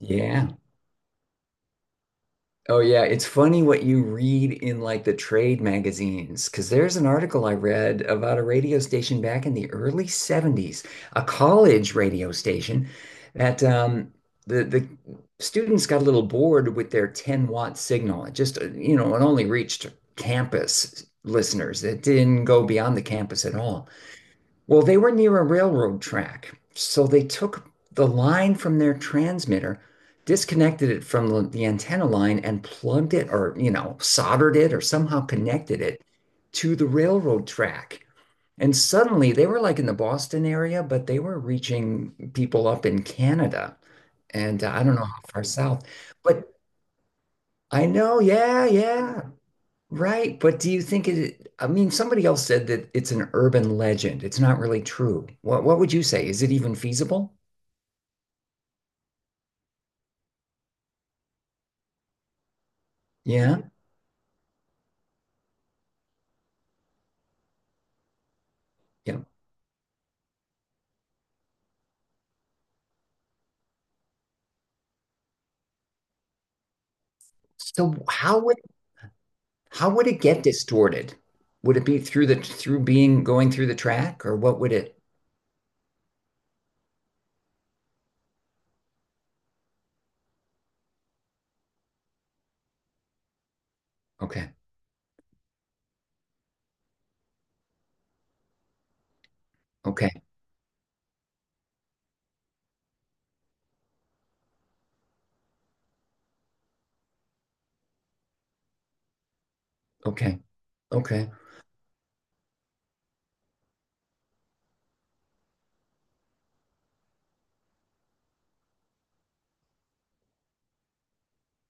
Yeah. Oh, yeah. It's funny what you read in like the trade magazines, because there's an article I read about a radio station back in the early 70s, a college radio station that the students got a little bored with their 10-watt signal. It just, it only reached campus listeners. It didn't go beyond the campus at all. Well, they were near a railroad track, so they took the line from their transmitter, disconnected it from the antenna line, and plugged it or, soldered it or somehow connected it to the railroad track. And suddenly they were like in the Boston area, but they were reaching people up in Canada. And I don't know how far south, but I know, yeah, yeah. Right, but do you think I mean, somebody else said that it's an urban legend. It's not really true. What would you say? Is it even feasible? Yeah, yeah. So how would it get distorted? Would it be through the through being going through the track or what would it? Okay, okay, okay, okay.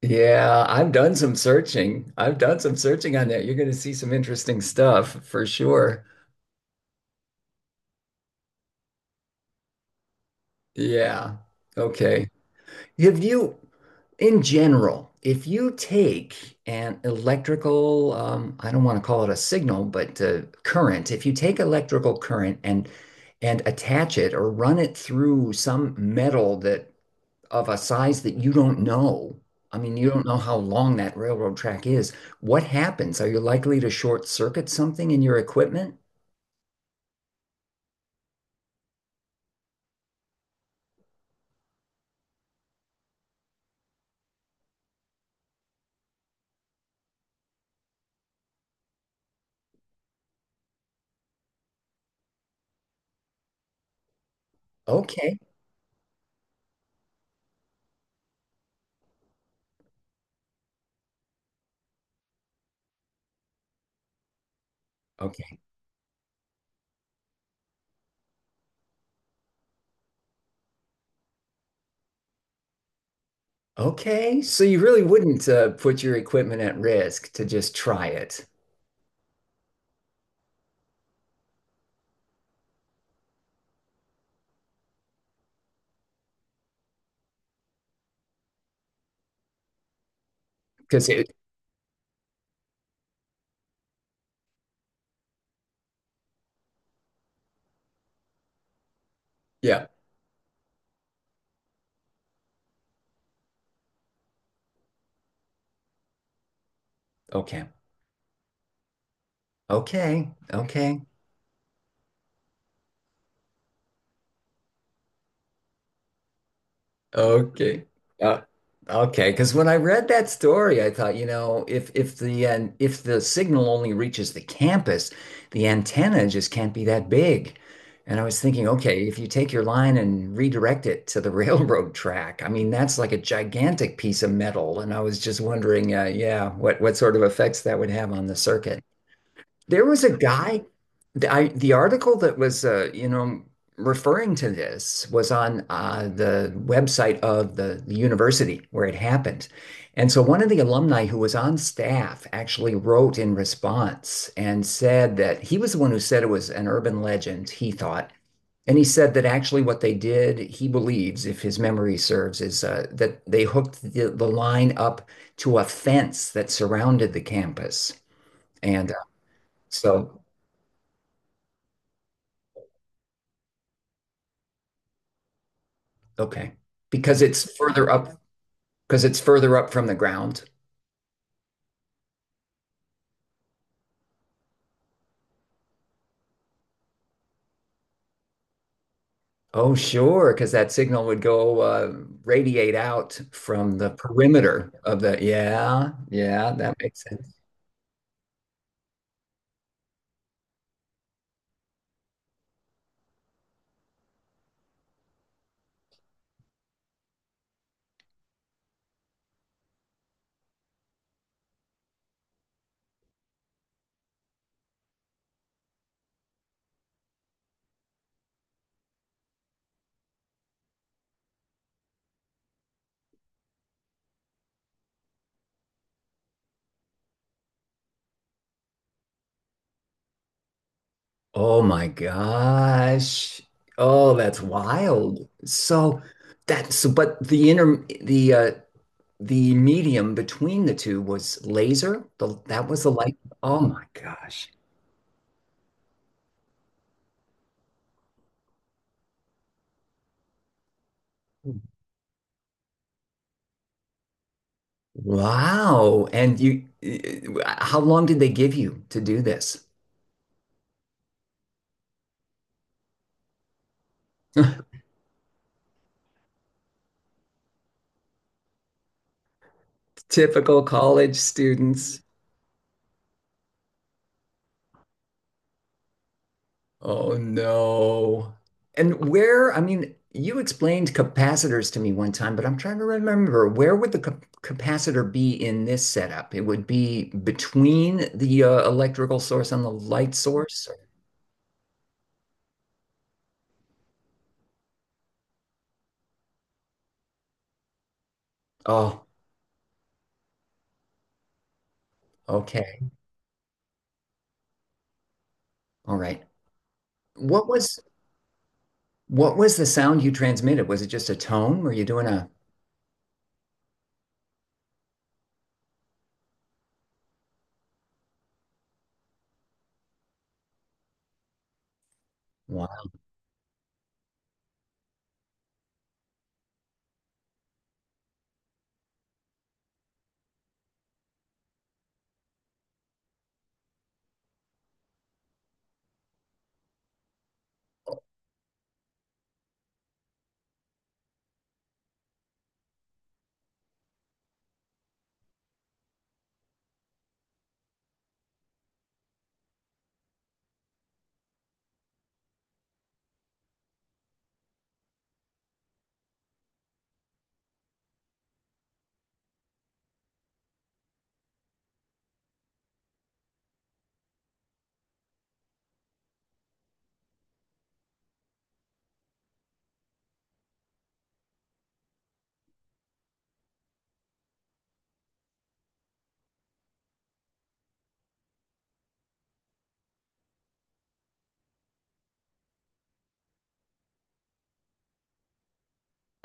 Yeah, I've done some searching. I've done some searching on that. You're going to see some interesting stuff for sure. Yeah. Okay. If you, in general, if you take an electrical, I don't want to call it a signal, but current, if you take electrical current and attach it or run it through some metal that of a size that you don't know, I mean, you don't know how long that railroad track is, what happens? Are you likely to short circuit something in your equipment? Okay, okay, okay. So you really wouldn't put your equipment at risk to just try it. Because. Yeah. Okay. Okay. Okay. Okay. Uh, okay. Because when I read that story, I thought, you know, if the signal only reaches the campus, the antenna just can't be that big. And I was thinking, okay, if you take your line and redirect it to the railroad track, I mean, that's like a gigantic piece of metal. And I was just wondering, yeah, what sort of effects that would have on the circuit. There was a guy, the article that was, referring to this was on the website of the university where it happened. And so one of the alumni who was on staff actually wrote in response and said that he was the one who said it was an urban legend, he thought. And he said that actually what they did, he believes, if his memory serves, is that they hooked the line up to a fence that surrounded the campus. And so okay. Because it's further up, because it's further up from the ground. Oh, sure, because that signal would go radiate out from the perimeter of the. Yeah, yeah, that makes sense. Oh my gosh. Oh, that's wild. So that's so, but the inter the medium between the two was laser. The, that was the light. Oh my gosh. Wow. And you, how long did they give you to do this? Typical college students. Oh no. And where, I mean, you explained capacitors to me one time, but I'm trying to remember where would the capacitor be in this setup? It would be between the electrical source and the light source. Oh, okay. All right. What was what was the sound you transmitted? Was it just a tone? Were you doing a.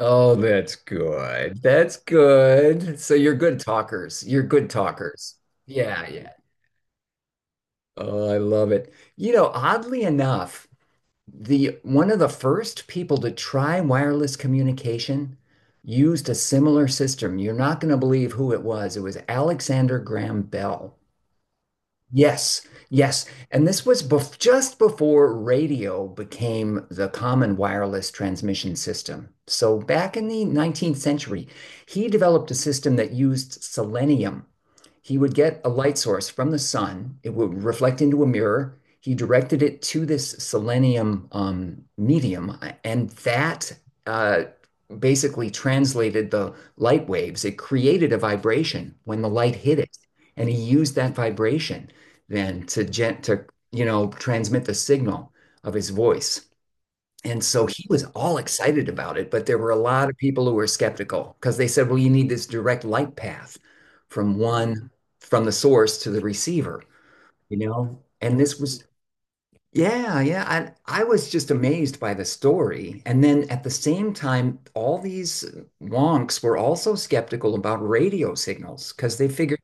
Oh, that's good. That's good. So you're good talkers. You're good talkers. Yeah, yeah. Oh, I love it. You know, oddly enough, the one of the first people to try wireless communication used a similar system. You're not going to believe who it was. It was Alexander Graham Bell. Yes, yes. And this was bef just before radio became the common wireless transmission system. So back in the 19th century, he developed a system that used selenium. He would get a light source from the sun, it would reflect into a mirror. He directed it to this selenium medium, and that uh, basically translated the light waves. It created a vibration when the light hit it, and he used that vibration then to gent to you know transmit the signal of his voice. And so he was all excited about it, but there were a lot of people who were skeptical because they said, well, you need this direct light path from one from the source to the receiver, you know? And this was yeah, yeah. I was just amazed by the story. And then at the same time, all these wonks were also skeptical about radio signals because they figured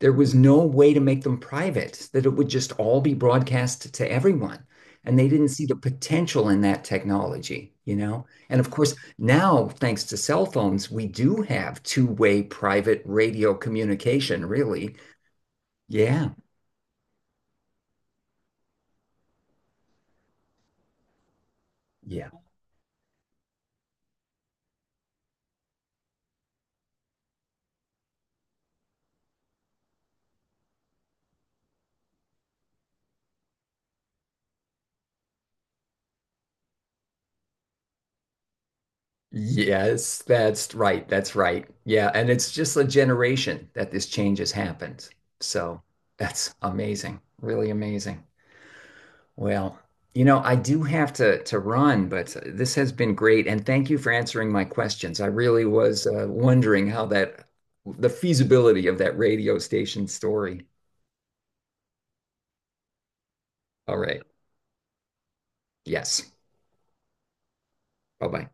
there was no way to make them private, that it would just all be broadcast to everyone. And they didn't see the potential in that technology, you know? And of course, now, thanks to cell phones, we do have two-way private radio communication, really. Yeah, yeah. Yes, that's right. That's right. Yeah. And it's just a generation that this change has happened. So that's amazing. Really amazing. Well, you know, I do have to run, but this has been great, and thank you for answering my questions. I really was wondering how that the feasibility of that radio station story. All right. Yes. Bye-bye.